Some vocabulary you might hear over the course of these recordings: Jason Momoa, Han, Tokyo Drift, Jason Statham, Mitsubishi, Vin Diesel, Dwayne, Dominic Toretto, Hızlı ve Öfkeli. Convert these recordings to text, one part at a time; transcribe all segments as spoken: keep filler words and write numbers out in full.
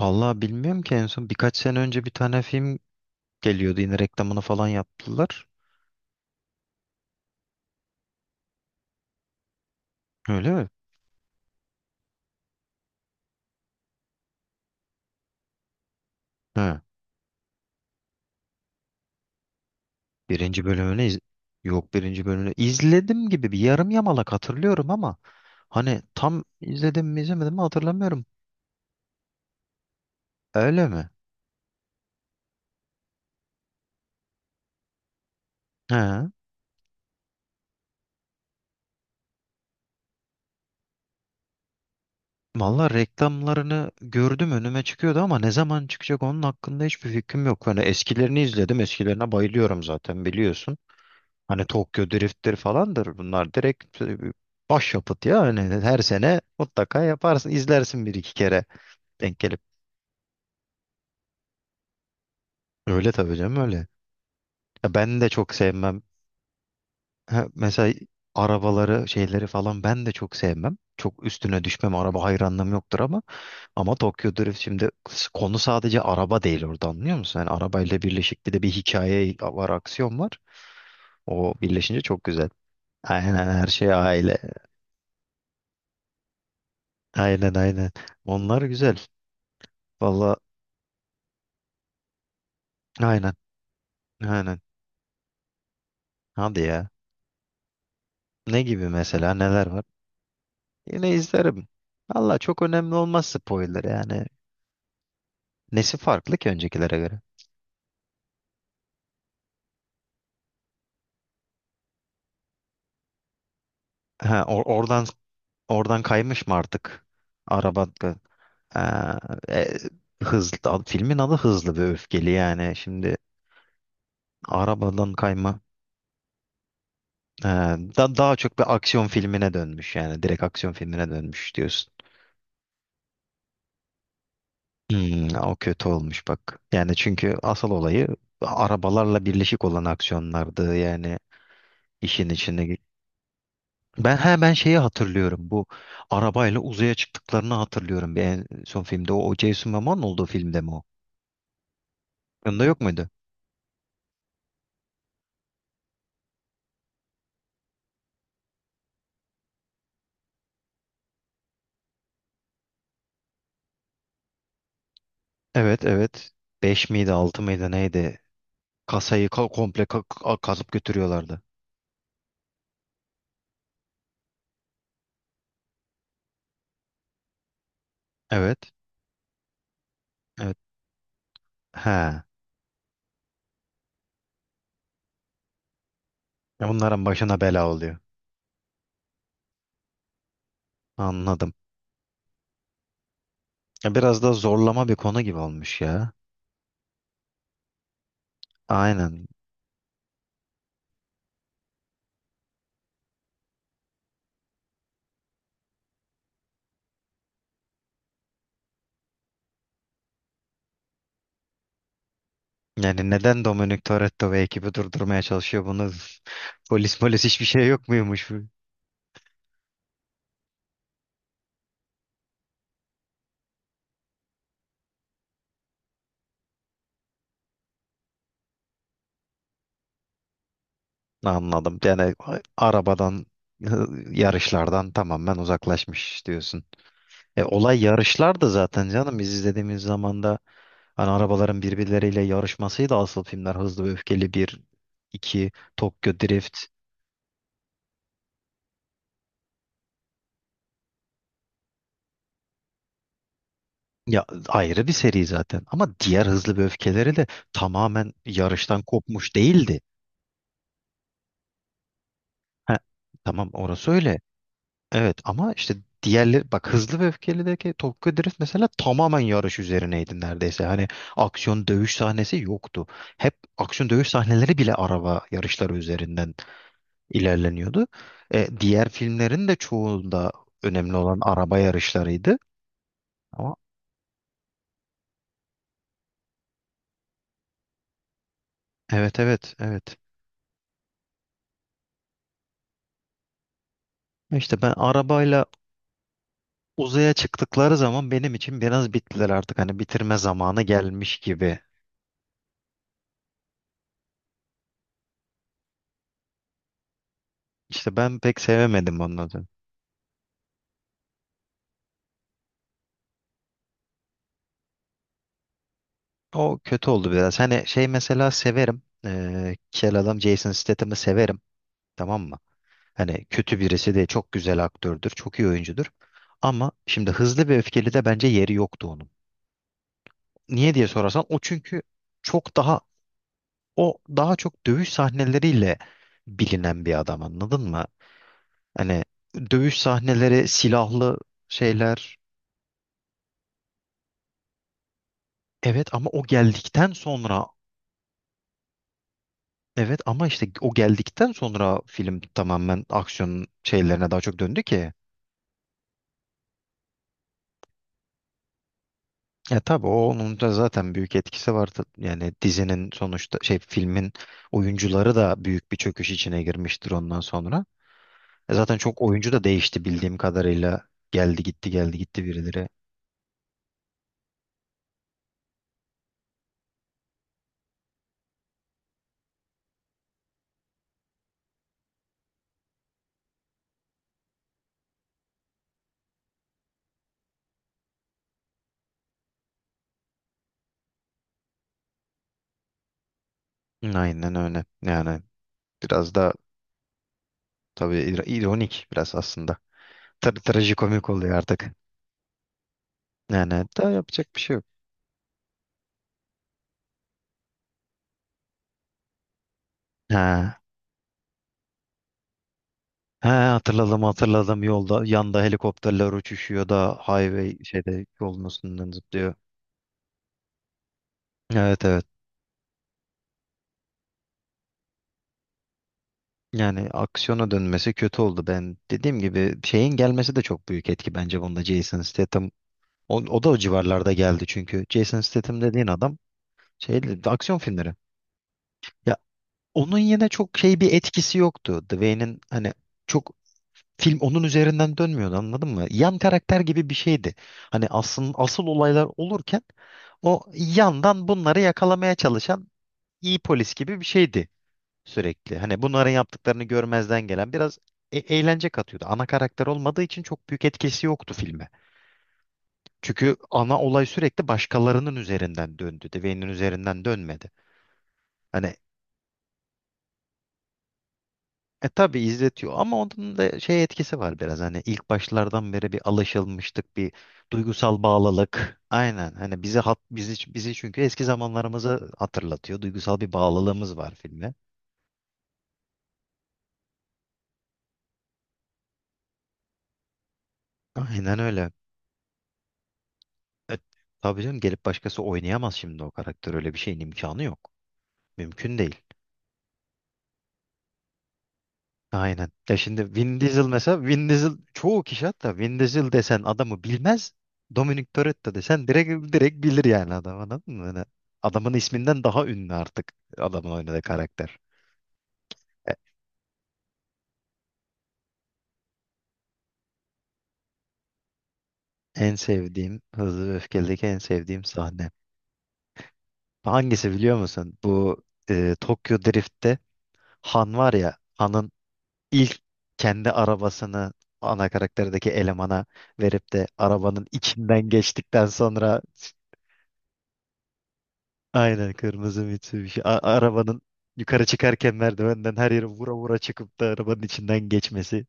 Vallahi bilmiyorum ki en son birkaç sene önce bir tane film geliyordu, yine reklamını falan yaptılar. Öyle mi? He. Birinci bölümünü iz- Yok, birinci bölümünü izledim gibi, bir yarım yamalak hatırlıyorum ama hani tam izledim mi izlemedim mi hatırlamıyorum. Öyle mi? He. Vallahi reklamlarını gördüm, önüme çıkıyordu ama ne zaman çıkacak onun hakkında hiçbir fikrim yok. Hani eskilerini izledim, eskilerine bayılıyorum zaten biliyorsun. Hani Tokyo Drift'tir falandır. Bunlar direkt e, başyapıt ya. Hani her sene mutlaka yaparsın, izlersin bir iki kere denk gelip. Öyle tabii canım, öyle. Ya ben de çok sevmem. Ha, mesela arabaları şeyleri falan ben de çok sevmem. Çok üstüne düşmem. Araba hayranlığım yoktur ama. Ama Tokyo Drift şimdi s- konu sadece araba değil orada, anlıyor musun? Yani arabayla birleşik bir de bir hikaye var, aksiyon var. O birleşince çok güzel. Aynen, her şey aile. Aynen aynen. Onlar güzel. Valla aynen. Aynen. Hadi ya. Ne gibi mesela, neler var? Yine izlerim. Valla çok önemli olmaz spoiler yani. Nesi farklı ki öncekilere göre? Ha, or- oradan oradan kaymış mı artık? Araba. Ha, e, hızlı ad- filmin adı Hızlı ve Öfkeli yani. Şimdi arabadan kayma, ha, da, daha çok bir aksiyon filmine dönmüş yani. Direkt aksiyon filmine dönmüş diyorsun. Hmm, o kötü olmuş bak. Yani çünkü asıl olayı arabalarla birleşik olan aksiyonlardı yani, işin içine. Ben he ben şeyi hatırlıyorum. Bu arabayla uzaya çıktıklarını hatırlıyorum. Bir en son filmde o, o Jason Momoa'nın olduğu filmde mi o? Yanında yok muydu? Evet evet. Beş miydi, altı mıydı, neydi? Kasayı ka- komple ka- ka- kazıp götürüyorlardı. Evet. Evet. He. Ya bunların başına bela oluyor. Anladım. Ya biraz da zorlama bir konu gibi olmuş ya. Aynen. Yani neden Dominic Toretto ve ekibi durdurmaya çalışıyor bunu? Polis, polis hiçbir şey yok muymuş? Anladım. Yani a- arabadan, yarışlardan tamamen uzaklaşmış diyorsun. E, olay yarışlar da zaten canım. Biz izlediğimiz zaman da hani arabaların birbirleriyle yarışmasıydı asıl filmler. Hızlı ve Öfkeli bir, iki, Tokyo Drift. Ya ayrı bir seri zaten. Ama diğer Hızlı ve Öfkeleri de tamamen yarıştan kopmuş değildi. Ha, tamam orası öyle. Evet, ama işte diğerleri bak, Hızlı ve Öfkeli'deki Tokyo Drift mesela tamamen yarış üzerineydi neredeyse. Hani aksiyon dövüş sahnesi yoktu. Hep aksiyon dövüş sahneleri bile araba yarışları üzerinden ilerleniyordu. E, diğer filmlerin de çoğunda önemli olan araba yarışlarıydı. Ama evet, evet, evet. İşte ben arabayla uzaya çıktıkları zaman benim için biraz bittiler artık. Hani bitirme zamanı gelmiş gibi. İşte ben pek sevemedim onları. O kötü oldu biraz. Hani şey mesela severim. Ee, kel adam Jason Statham'ı severim. Tamam mı? Hani kötü birisi de çok güzel aktördür. Çok iyi oyuncudur. Ama şimdi Hızlı ve Öfkeli de bence yeri yoktu onun. Niye diye sorarsan o çünkü çok daha, o daha çok dövüş sahneleriyle bilinen bir adam, anladın mı? Hani dövüş sahneleri, silahlı şeyler. evet ama o geldikten sonra Evet ama işte o geldikten sonra film tamamen aksiyon şeylerine daha çok döndü ki. Ya tabii o onun da zaten büyük etkisi vardı. Yani dizinin sonuçta şey, filmin oyuncuları da büyük bir çöküş içine girmiştir ondan sonra. E zaten çok oyuncu da değişti bildiğim kadarıyla. Geldi gitti, geldi gitti birileri. Aynen öyle. Yani biraz da tabii ir- ironik biraz aslında. Tabii trajikomik oluyor artık. Yani daha yapacak bir şey yok. Ha. He, hatırladım hatırladım, yolda yanda helikopterler uçuşuyor da highway şeyde yolun üstünden zıplıyor. Evet evet. Yani aksiyona dönmesi kötü oldu. Ben dediğim gibi şeyin gelmesi de çok büyük etki bence bunda, Jason Statham. O, o da o civarlarda geldi çünkü. Jason Statham dediğin adam şey, aksiyon filmleri. Ya onun yine çok şey bir etkisi yoktu. Dwayne'in hani çok, film onun üzerinden dönmüyordu, anladın mı? Yan karakter gibi bir şeydi. Hani asıl, asıl olaylar olurken o yandan bunları yakalamaya çalışan iyi polis gibi bir şeydi sürekli. Hani bunların yaptıklarını görmezden gelen biraz e- eğlence katıyordu. Ana karakter olmadığı için çok büyük etkisi yoktu filme. Çünkü ana olay sürekli başkalarının üzerinden döndü. Dwayne'in üzerinden dönmedi. Hani e tabii izletiyor ama onun da şey etkisi var biraz, hani ilk başlardan beri bir alışılmışlık, bir duygusal bağlılık. Aynen, hani bizi hat, bizi bizi çünkü eski zamanlarımızı hatırlatıyor. Duygusal bir bağlılığımız var filme. Aynen öyle. E, tabii canım, gelip başkası oynayamaz şimdi o karakter, öyle bir şeyin imkanı yok. Mümkün değil. Aynen. Ya şimdi Vin Diesel mesela, Vin Diesel çoğu kişi, hatta Vin Diesel desen adamı bilmez. Dominic Toretto desen direkt direkt bilir yani adam, anladın mı? Hani adamın isminden daha ünlü artık adamın oynadığı karakter. E, En sevdiğim Hızlı ve Öfkeli'deki en sevdiğim sahne. Hangisi biliyor musun? Bu e, Tokyo Drift'te Han var ya, Han'ın ilk kendi arabasını ana karakterdeki elemana verip de arabanın içinden geçtikten sonra. Aynen, kırmızı Mitsubishi. A- arabanın yukarı çıkarken merdivenden her yere vura vura çıkıp da arabanın içinden geçmesi.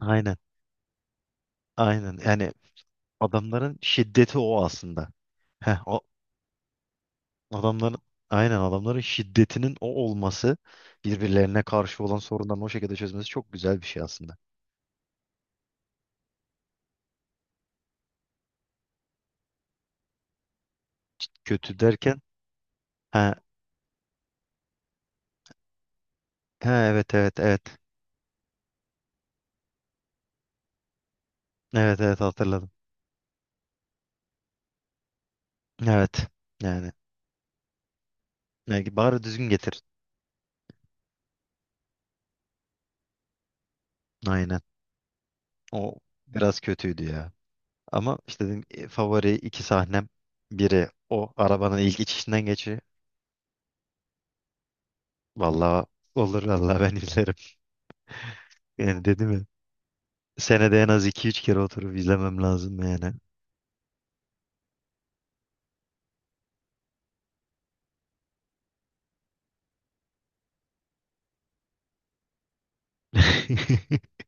Aynen. Aynen. Yani adamların şiddeti o aslında. Heh, o adamların, aynen adamların şiddetinin o olması, birbirlerine karşı olan sorunların o şekilde çözmesi çok güzel bir şey aslında. Kötü derken, ha, ha evet evet evet. Evet evet hatırladım. Evet. Yani, yani bari düzgün getir. Aynen. O biraz kötüydü ya. Ama işte dedim e, favori iki sahnem, biri o arabanın ilk içişinden geçiyor. Vallahi olur, vallahi ben izlerim. Yani dedim ya, senede en az iki üç kere oturup izlemem lazım yani.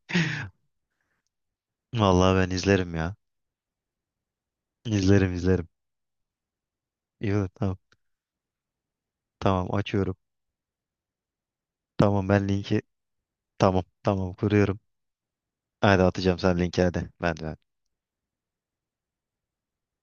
Vallahi ben izlerim ya. İzlerim izlerim. İyi olur, tamam. Tamam, açıyorum. Tamam ben linki, tamam tamam kuruyorum. Hadi atacağım sen linki, hadi. Ben de